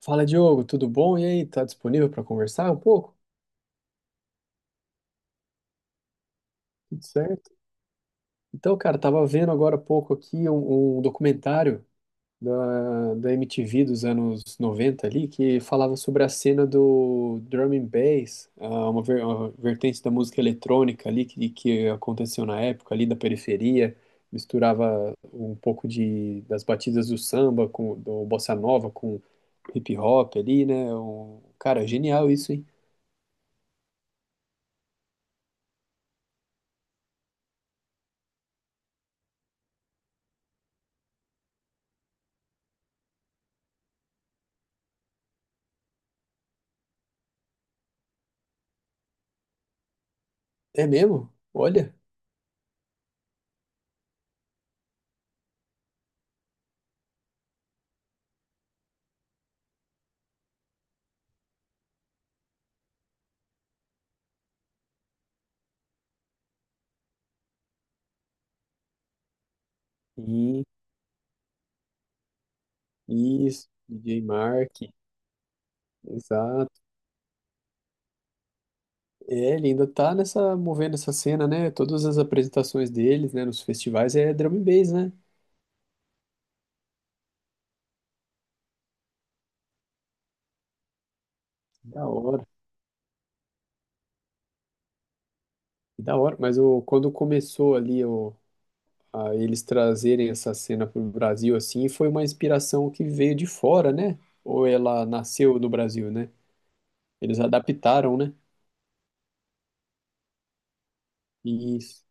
Fala, Diogo, tudo bom? E aí, tá disponível para conversar um pouco? Tudo certo? Então, cara, tava vendo agora há pouco aqui um documentário da MTV dos anos 90 ali, que falava sobre a cena do drum and bass, uma, uma vertente da música eletrônica ali que aconteceu na época ali da periferia, misturava um pouco de, das batidas do samba, com, do bossa nova com hip hop ali, né? Um, cara, genial isso, hein? É mesmo? Olha. Sim, isso, DJ Mark, exato. É, ele ainda tá nessa, movendo essa cena, né? Todas as apresentações deles, né, nos festivais é drum and bass, né? Da hora, da hora. Mas o, quando começou ali o, a eles trazerem essa cena pro Brasil, assim, foi uma inspiração que veio de fora, né? Ou ela nasceu no Brasil, né? Eles adaptaram, né? Isso.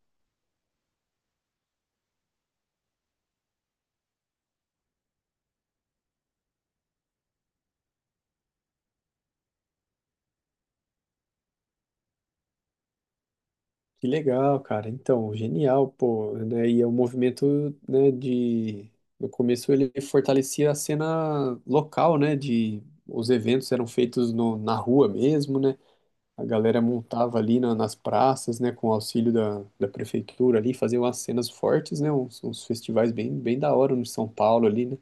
Que legal, cara. Então, genial, pô, né? E é um movimento, né, de... No começo ele fortalecia a cena local, né, de... Os eventos eram feitos na rua mesmo, né? A galera montava ali nas praças, né, com o auxílio da prefeitura ali, fazia umas cenas fortes, né? Uns, uns festivais bem, bem da hora no São Paulo ali, né?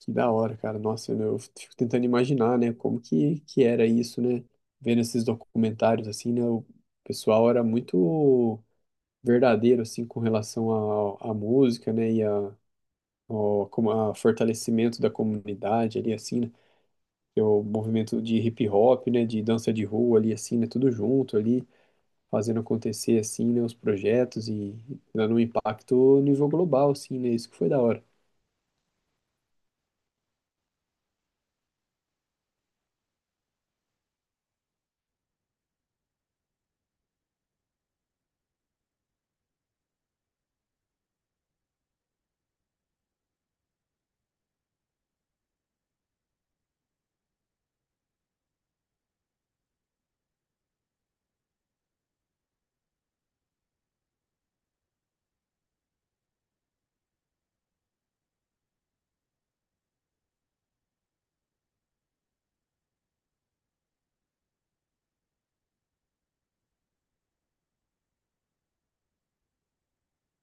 Que da hora, cara. Nossa, eu fico tentando imaginar, né, como que era isso, né? Vendo esses documentários, assim, né? O pessoal era muito verdadeiro assim com relação à música, né, e a, ao, como a fortalecimento da comunidade ali assim, né, que é o movimento de hip hop, né, de dança de rua ali assim, né, tudo junto ali, fazendo acontecer assim, né, os projetos e dando um impacto a nível global assim, né, isso que foi da hora.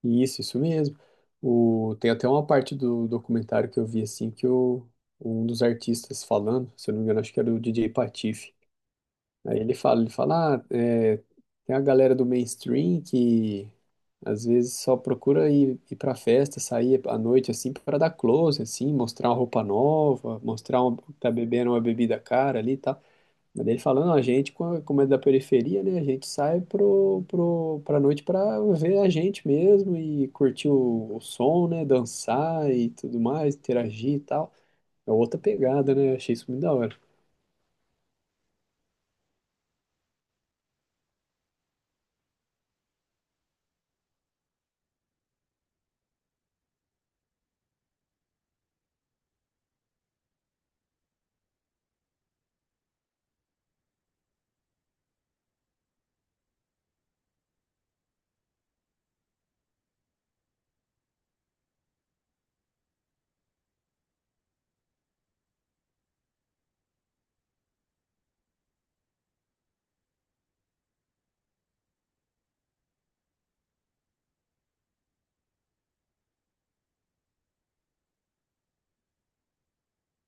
E isso mesmo. O, tem até uma parte do documentário que eu vi assim que o um dos artistas falando, se eu não me engano, acho que era o DJ Patife. Aí ele fala, ah, é, tem a galera do mainstream que às vezes só procura ir pra festa, sair à noite assim para dar close, assim, mostrar uma roupa nova, mostrar uma, tá bebendo uma bebida cara ali e tal. Mas daí ele falando, a gente, como é da periferia, né, a gente sai pra noite pra ver a gente mesmo e curtir o som, né, dançar e tudo mais, interagir e tal. É outra pegada, né? Achei isso muito da hora.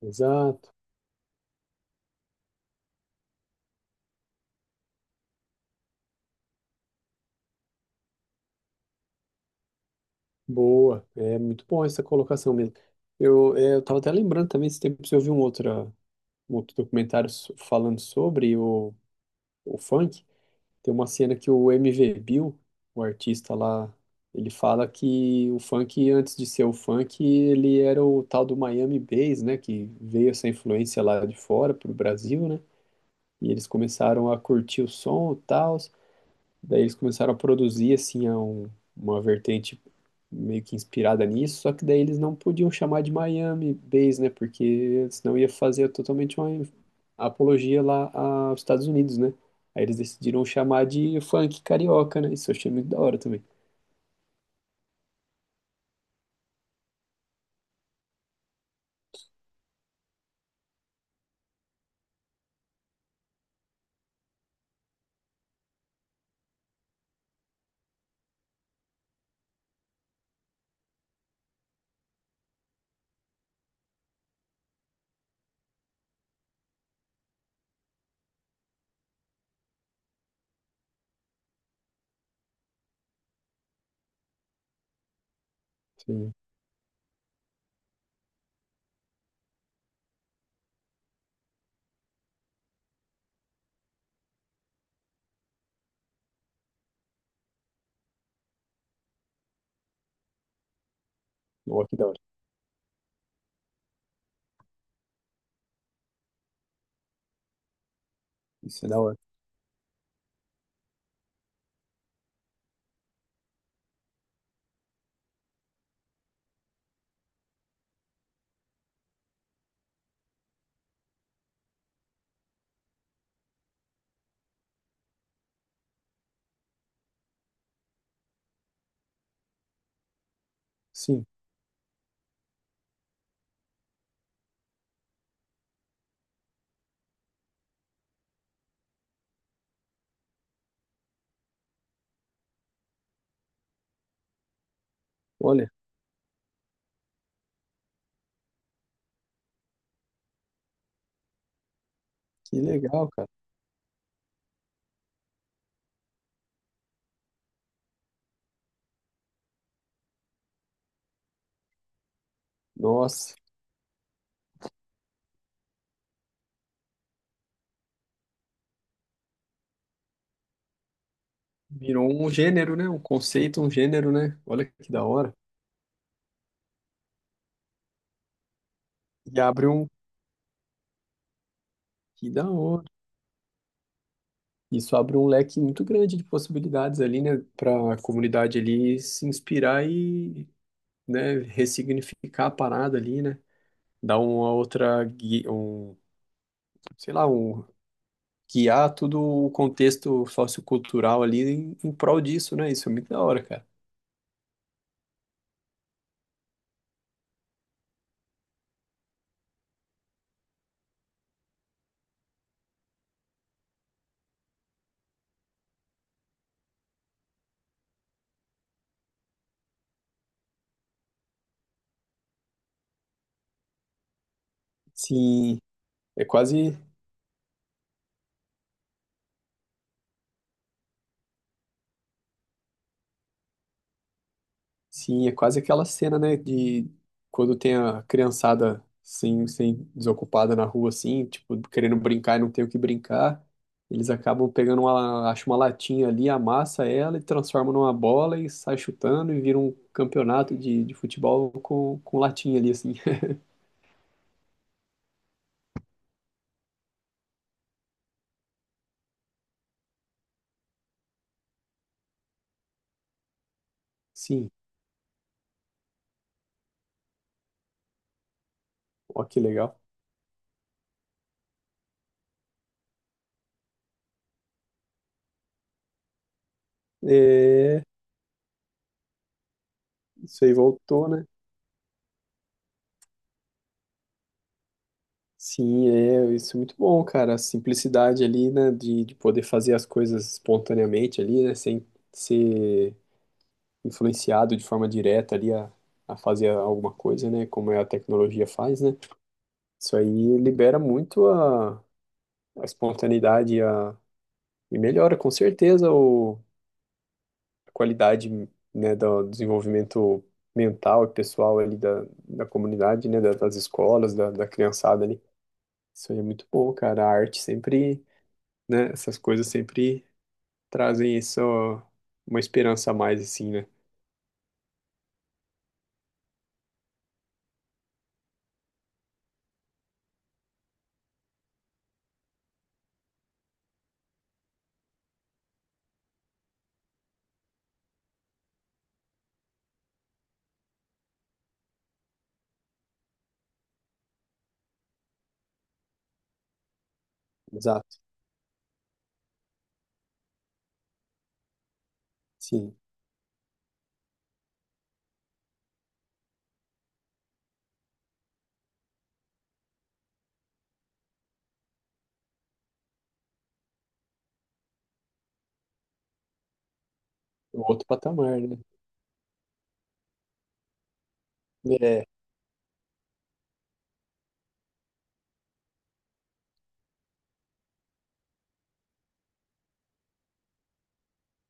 Exato. Boa, é muito bom essa colocação mesmo. Eu, é, eu tava até lembrando também, esse tempo eu vi um outro documentário falando sobre o funk. Tem uma cena que o MV Bill, o artista lá, ele fala que o funk, antes de ser o funk, ele era o tal do Miami Bass, né? Que veio essa influência lá de fora pro Brasil, né? E eles começaram a curtir o som e tal. Daí eles começaram a produzir assim uma vertente meio que inspirada nisso, só que daí eles não podiam chamar de Miami Bass, né? Porque senão ia fazer totalmente uma apologia lá aos Estados Unidos, né? Aí eles decidiram chamar de funk carioca, né? Isso eu achei muito da hora também. Sim. Ó, que da hora. Isso é da hora. Sim. Olha, que legal, cara. Nossa, virou um gênero, né? Um conceito, um gênero, né? Olha que da hora. E abre um. Que da hora. Isso abre um leque muito grande de possibilidades ali, né, para a comunidade ali se inspirar e, né, ressignificar a parada ali, né, dar uma outra, sei lá, um, guiar todo o contexto sociocultural ali em, em prol disso, né, isso é muito da hora, cara. Sim, é quase Sim, é quase aquela cena, né, de quando tem a criançada sem desocupada na rua, assim, tipo, querendo brincar e não tem o que brincar. Eles acabam pegando uma, acho uma latinha ali, amassa ela e transforma numa bola e sai chutando e vira um campeonato de futebol com latinha ali, assim. Sim, ó que legal. É, isso aí voltou, né? Sim, é, isso é muito bom, cara. A simplicidade ali, né, de poder fazer as coisas espontaneamente ali, né, sem ser influenciado de forma direta ali a fazer alguma coisa, né? Como é a tecnologia faz, né? Isso aí libera muito a espontaneidade a, e melhora com certeza o, a qualidade, né, do desenvolvimento mental e pessoal ali da comunidade, né? Das escolas, da criançada ali. Isso aí é muito bom, cara. A arte sempre, né? Essas coisas sempre trazem isso, ó, uma esperança a mais, assim, né? Exato. Sim. Um outro patamar, né? É,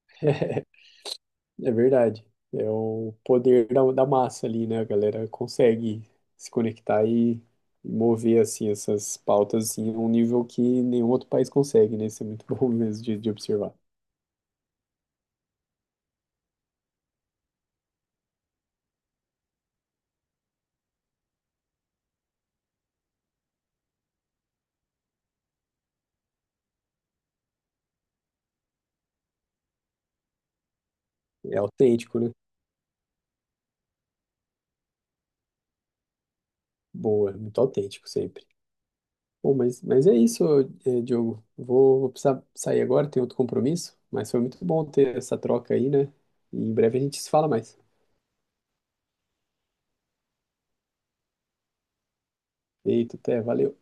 é verdade. É o poder da massa ali, né? A galera consegue se conectar e mover assim essas pautas assim, a um nível que nenhum outro país consegue, né? Isso é muito bom mesmo de observar. É autêntico, né? Boa, é muito autêntico sempre. Bom, mas é isso, Diogo. Vou precisar sair agora, tenho outro compromisso, mas foi muito bom ter essa troca aí, né? E em breve a gente se fala mais. Eita, até, valeu.